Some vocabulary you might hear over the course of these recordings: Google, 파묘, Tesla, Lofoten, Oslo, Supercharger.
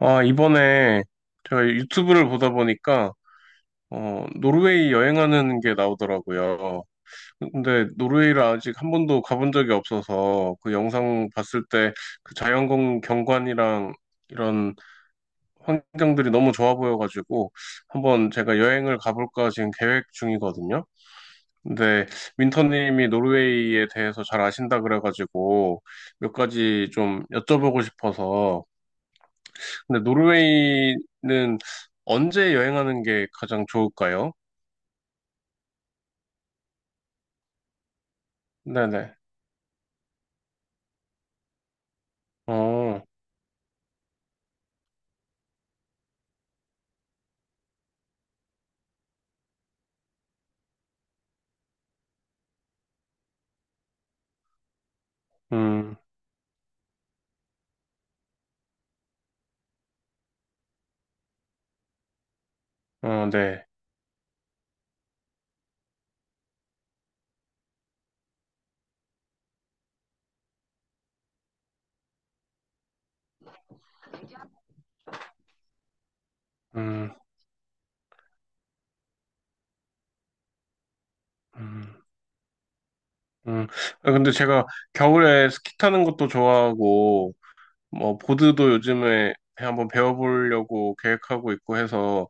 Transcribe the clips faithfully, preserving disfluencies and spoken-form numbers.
아, 이번에 제가 유튜브를 보다 보니까, 어, 노르웨이 여행하는 게 나오더라고요. 근데 노르웨이를 아직 한 번도 가본 적이 없어서 그 영상 봤을 때 그 자연경 경관이랑 이런 환경들이 너무 좋아 보여가지고 한번 제가 여행을 가볼까 지금 계획 중이거든요. 근데 윈터님이 노르웨이에 대해서 잘 아신다 그래가지고 몇 가지 좀 여쭤보고 싶어서 근데 노르웨이는 언제 여행하는 게 가장 좋을까요? 네네. 어, 음, 어, 네. 음, 음, 음. 아, 근데 제가 겨울에 스키 타는 것도 좋아하고, 뭐, 보드도 요즘에 한번 배워보려고 계획하고 있고 해서,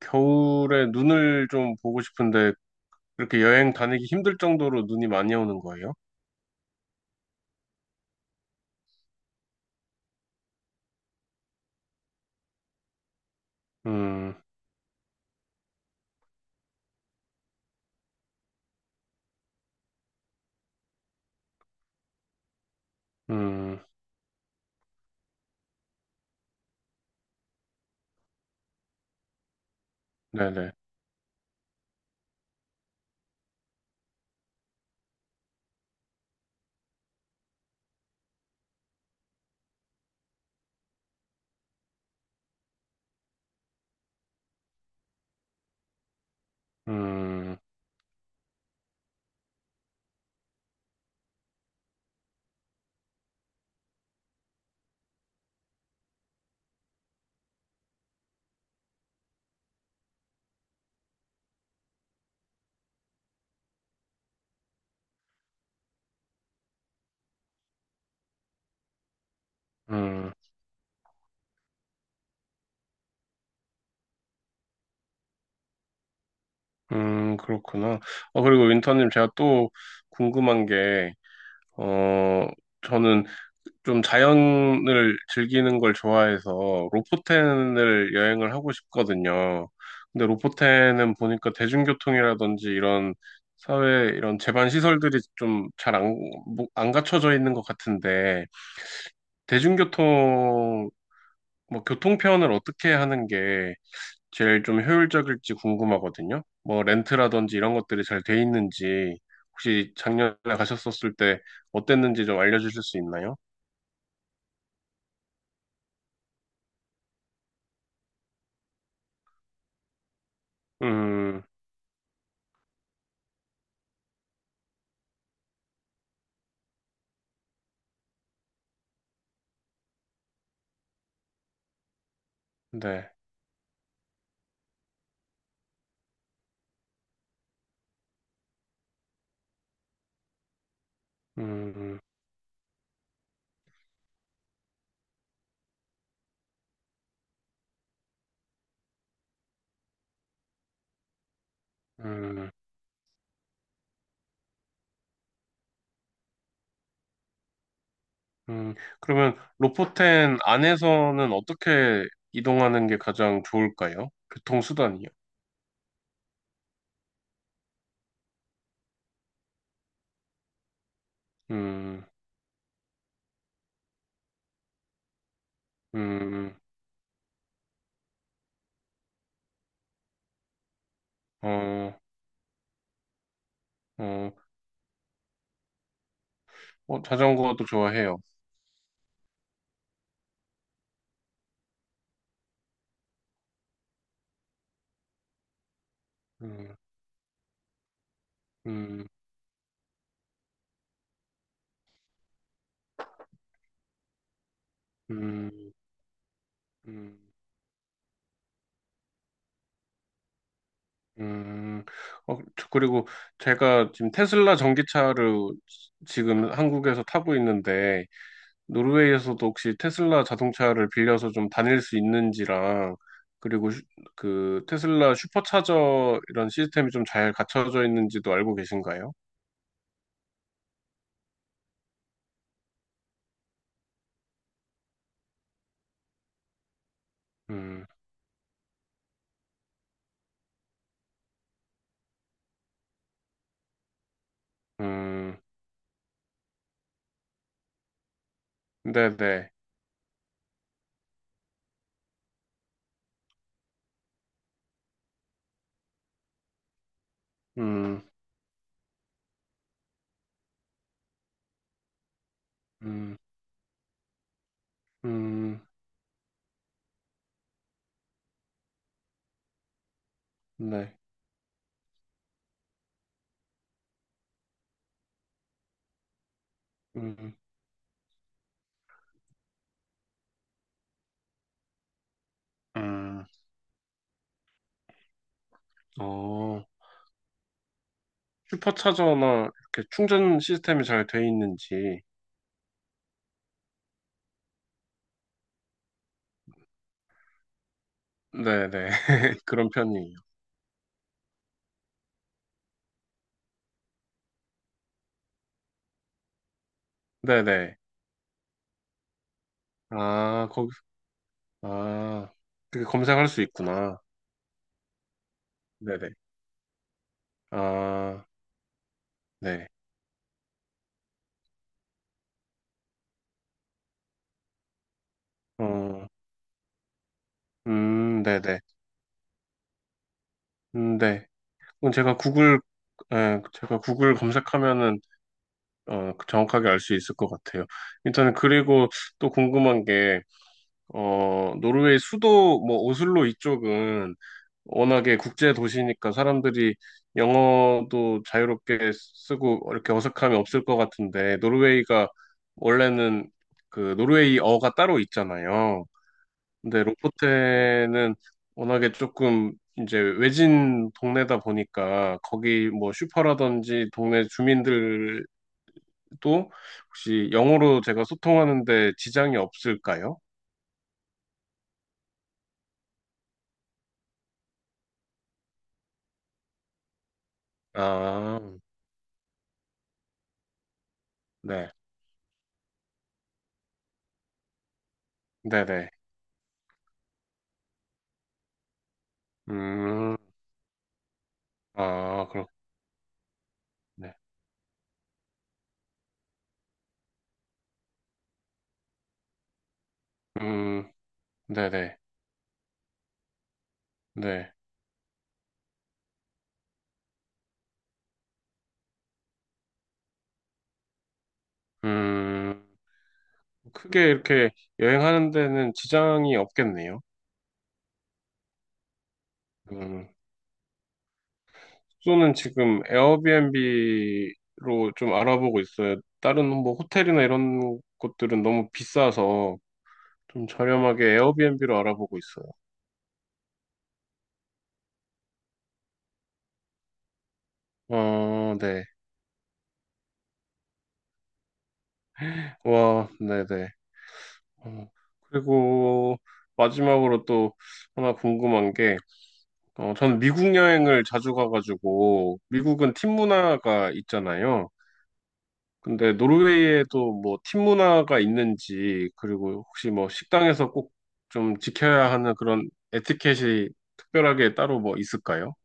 겨울에 눈을 좀 보고 싶은데, 이렇게 여행 다니기 힘들 정도로 눈이 많이 오는 거예요? 음, 음, 네네. 음, 음. 음, 그렇구나. 어, 그리고 윈터님, 제가 또 궁금한 게, 어, 저는 좀 자연을 즐기는 걸 좋아해서 로포텐을 여행을 하고 싶거든요. 근데 로포텐은 보니까 대중교통이라든지 이런 사회, 이런 제반 시설들이 좀 잘 안, 뭐, 안 갖춰져 있는 것 같은데, 대중교통, 뭐, 교통편을 어떻게 하는 게 제일 좀 효율적일지 궁금하거든요. 뭐 렌트라든지 이런 것들이 잘 돼 있는지 혹시 작년에 가셨었을 때 어땠는지 좀 알려주실 수 있나요? 음, 네. 음, 음, 음. 음. 그러면 로포텐 안에서는 어떻게 이동하는 게 가장 좋을까요? 교통수단이요. 음, 음, 음. 어, 어, 어, 자전거도 좋아해요. 음, 음, 음, 음. 음, 어, 저- 그리고 제가 지금 테슬라 전기차를 지금 한국에서 타고 있는데, 노르웨이에서도 혹시 테슬라 자동차를 빌려서 좀 다닐 수 있는지랑, 그리고 슈- 그 테슬라 슈퍼차저 이런 시스템이 좀 잘 갖춰져 있는지도 알고 계신가요? 음, 음, 네네, 음, 음, 음, 네, 음, 음, 어, 슈퍼차저나 이렇게 충전 시스템이 잘 돼 있는지, 네네. 그런 편이에요. 네네. 아, 거기, 아, 그게 검색할 수 있구나. 네네. 아, 네. 어, 음, 네네. 음, 네. 그럼 제가 구글, 에, 제가 구글 검색하면은, 어, 정확하게 알 수 있을 것 같아요. 일단은, 그리고 또 궁금한 게, 어, 노르웨이 수도 뭐 오슬로 이쪽은 워낙에 국제 도시니까 사람들이 영어도 자유롭게 쓰고 이렇게 어색함이 없을 것 같은데 노르웨이가 원래는 그 노르웨이어가 따로 있잖아요. 근데 로포테는 워낙에 조금 이제 외진 동네다 보니까 거기 뭐 슈퍼라든지 동네 주민들도 혹시 영어로 제가 소통하는데 지장이 없을까요? 아, 네. 네네. 음, 아, 그렇군요. 음, 네네. 네. 음, 크게 이렇게 여행하는 데는 지장이 없겠네요. 음, 숙소는 지금 에어비앤비로 좀 알아보고 있어요. 다른 뭐 호텔이나 이런 곳들은 너무 비싸서 좀 저렴하게 에어비앤비로 알아보고 있어요. 어, 네. 와, 네네. 어, 그리고 마지막으로 또 하나 궁금한 게 어, 저는 미국 여행을 자주 가가지고, 미국은 팀 문화가 있잖아요. 근데 노르웨이에도 뭐 팀 문화가 있는지, 그리고 혹시 뭐 식당에서 꼭 좀 지켜야 하는 그런 에티켓이 특별하게 따로 뭐 있을까요?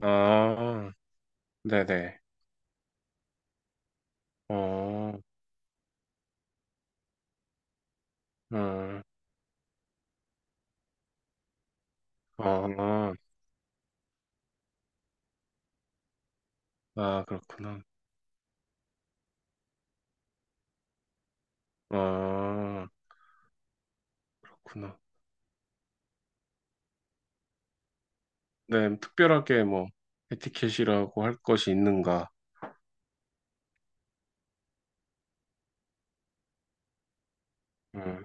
아, 네네. 어, 음, 아, 아, 그렇구나. 아, 그렇구나. 네, 특별하게 뭐 에티켓이라고 할 것이 있는가. 음,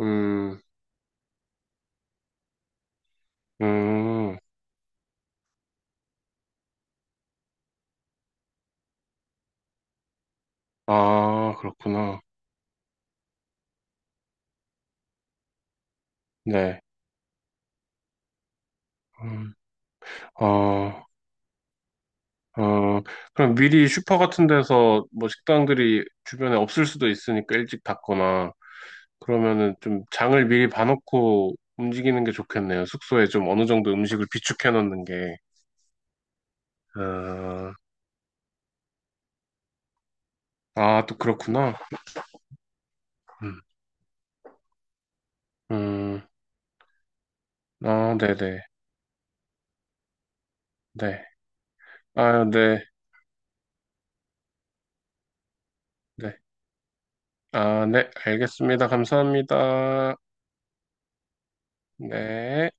음, 음. 아, 그렇구나. 네. 음, 어, 어, 그럼 미리 슈퍼 같은 데서 뭐 식당들이 주변에 없을 수도 있으니까 일찍 닫거나 그러면은 좀 장을 미리 봐놓고 움직이는 게 좋겠네요. 숙소에 좀 어느 정도 음식을 비축해 놓는 게. 어, 아, 또 그렇구나. 음, 음, 아, 네네. 네. 네. 아, 네. 네. 아, 네. 알겠습니다. 감사합니다. 네.